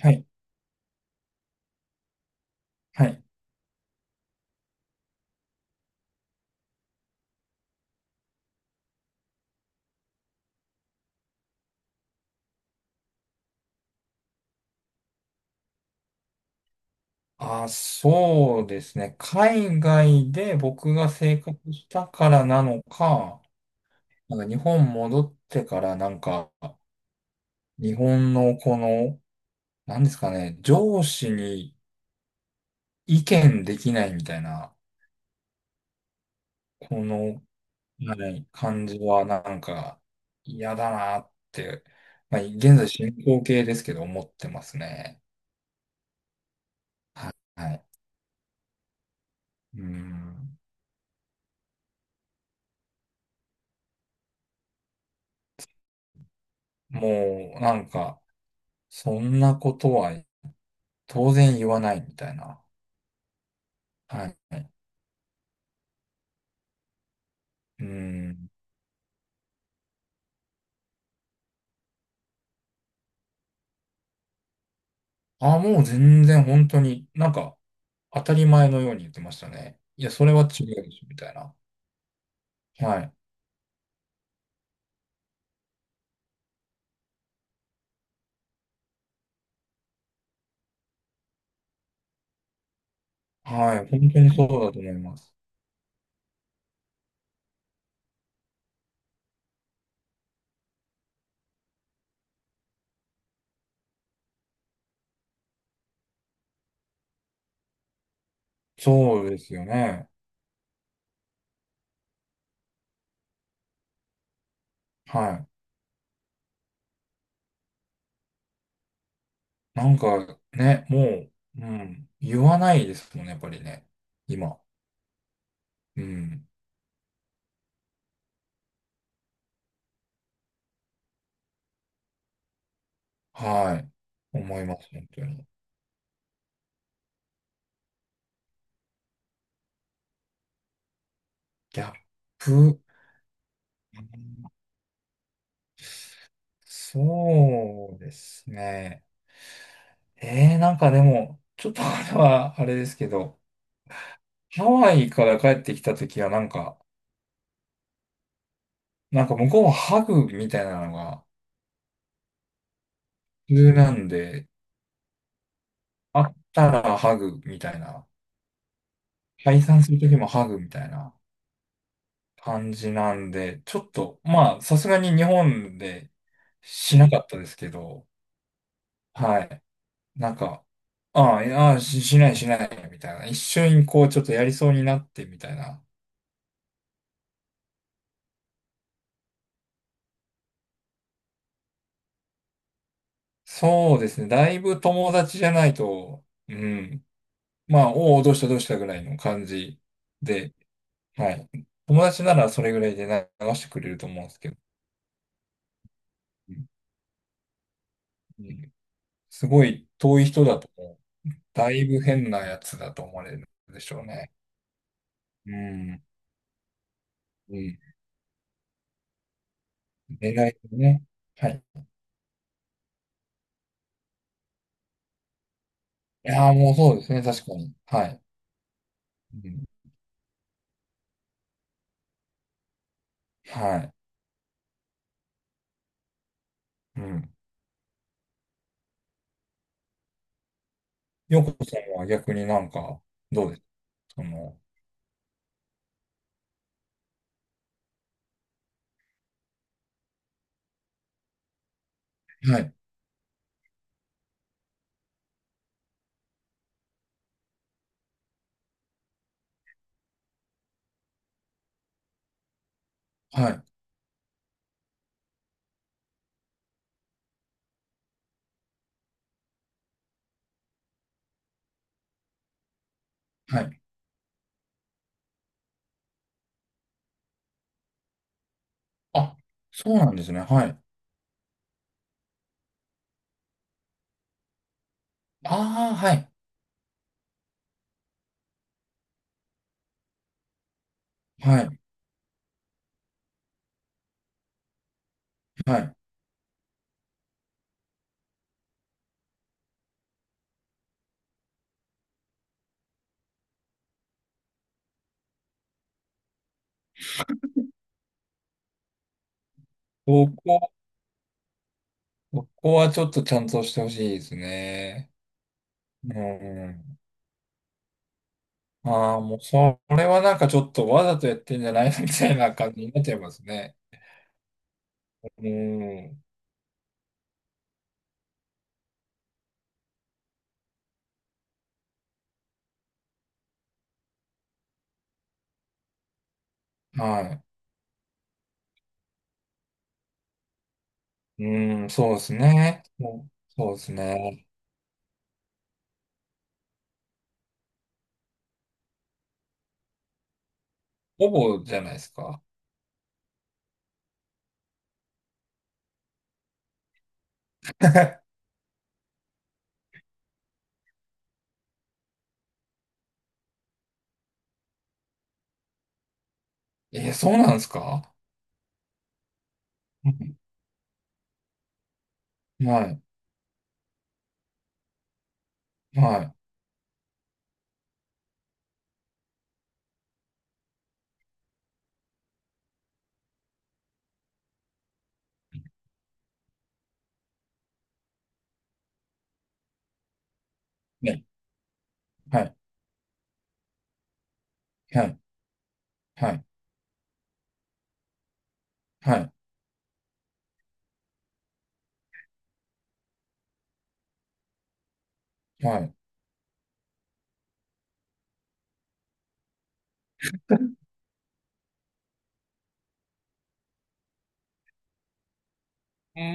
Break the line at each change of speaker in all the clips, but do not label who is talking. はい。はい。あ、そうですね。海外で僕が生活したからなのか、なんか日本戻ってからなんか、日本のこの、なんですかね、上司に意見できないみたいな、この、はい、感じはなんか嫌だなって、まあ、現在進行形ですけど思ってますね。はい。はい。うん。もうなんか、そんなことは当然言わないみたいな。はい。うん。あ、もう全然本当に、なんか当たり前のように言ってましたね。いや、それは違うでしょ、みたいな。はい。はい。本当にそうだと思います。そうですよね。はい。なんかね、もう、うん。言わないですもんね、やっぱりね。今。うん。はい。思います、本当に。ギャップ。うん、そうですね。ええ、なんかでも、ちょっと あれはあれですけど、ハワイから帰ってきたときはなんか、なんか向こうはハグみたいなのが普通なんで、会ったらハグみたいな、解散するときもハグみたいな感じなんで、ちょっと、まあ、さすがに日本でしなかったですけど、はい。なんか、ああ、いやしないしないみたいな、一緒にこうちょっとやりそうになってみたいな。そうですね。だいぶ友達じゃないと、うん。まあ、おお、どうしたどうしたぐらいの感じで、はい。友達ならそれぐらいで流してくれると思うんですけど、うん、すごい遠い人だと、だいぶ変なやつだと思われるでしょうね。うん。うん。恋愛ね。はい。いやー、もうそうですね、確かに。はい。うん。はい。うん。よこさんは逆になんか、どうです、その、はい。はい。はい。あ、そうなんですね。はい。ああ、はい。はい。はい。そこそこはちょっとちゃんとしてほしいですね。うん。ああ、もうそれはなんかちょっとわざとやってんじゃないのみたいな感じになっちゃいますね。うん。はい。うん、そうですね。そうそうですね。ほぼじゃないですか。えー、そうなんですか？うん、はい、はい、ね、はい、はい、はい、はい、はい。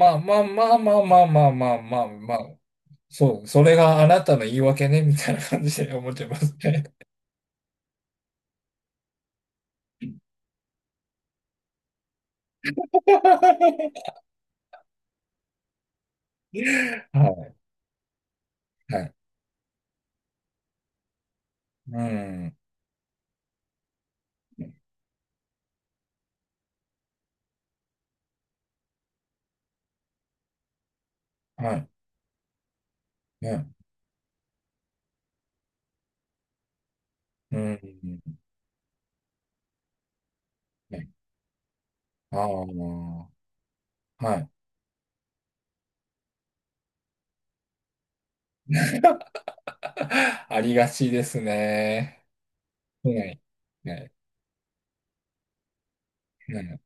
まあまあまあまあまあまあまあまあ、まあ、そう、それがあなたの言い訳ね、みたいな感じで思っちゃいますね。はいはい。うん。はい。ね。うん。ね。ああ、はい。ありがちですね。はい。はい。はい。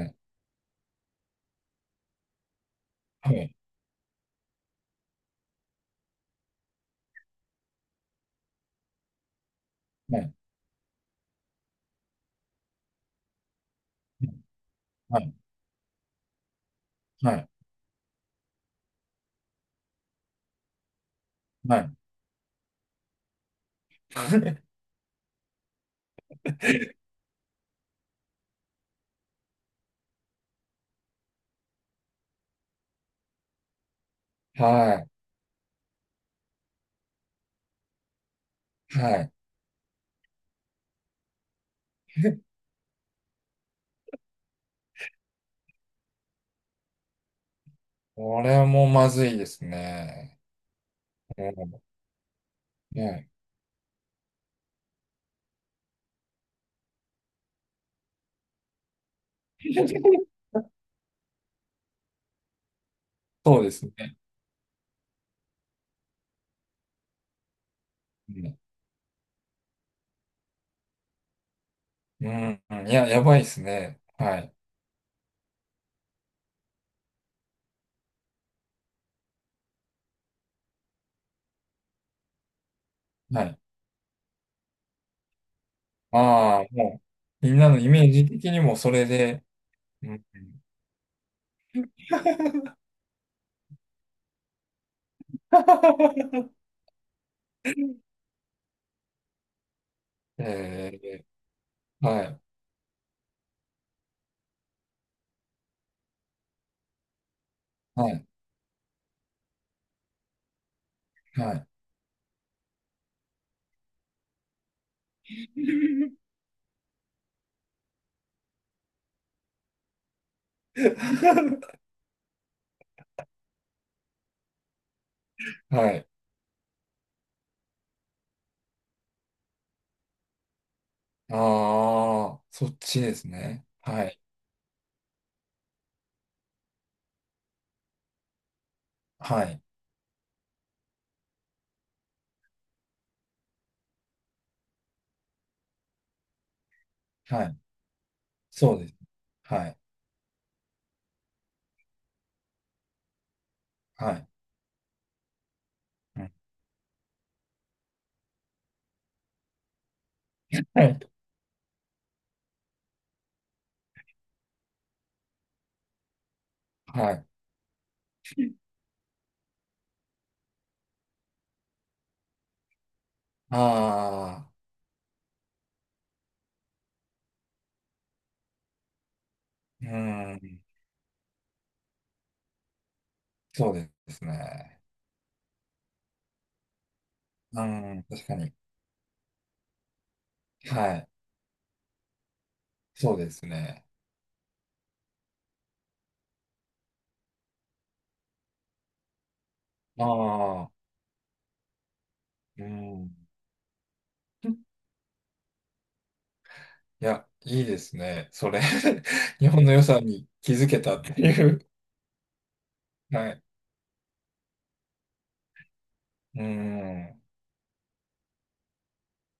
はい。はい。はい。はい。はい。はい。はい。はい。これもまずいですね。うん。ね。そうですね。うん。うん。いや、やばいですね。はい。はい。ああ、もう、みんなのイメージ的にもそれで、うん。 えー、はい、はい、はい。はい。ああ、そっちですね。はい、はい、はい。そうです。はい、はい。うん、はい。はい。ああ、うーん、そうですね。うん、確かに。はい、そうですね。ああ、うん。いや、いいですね。それ 日本の良さに気づけたっていう。はい。うん。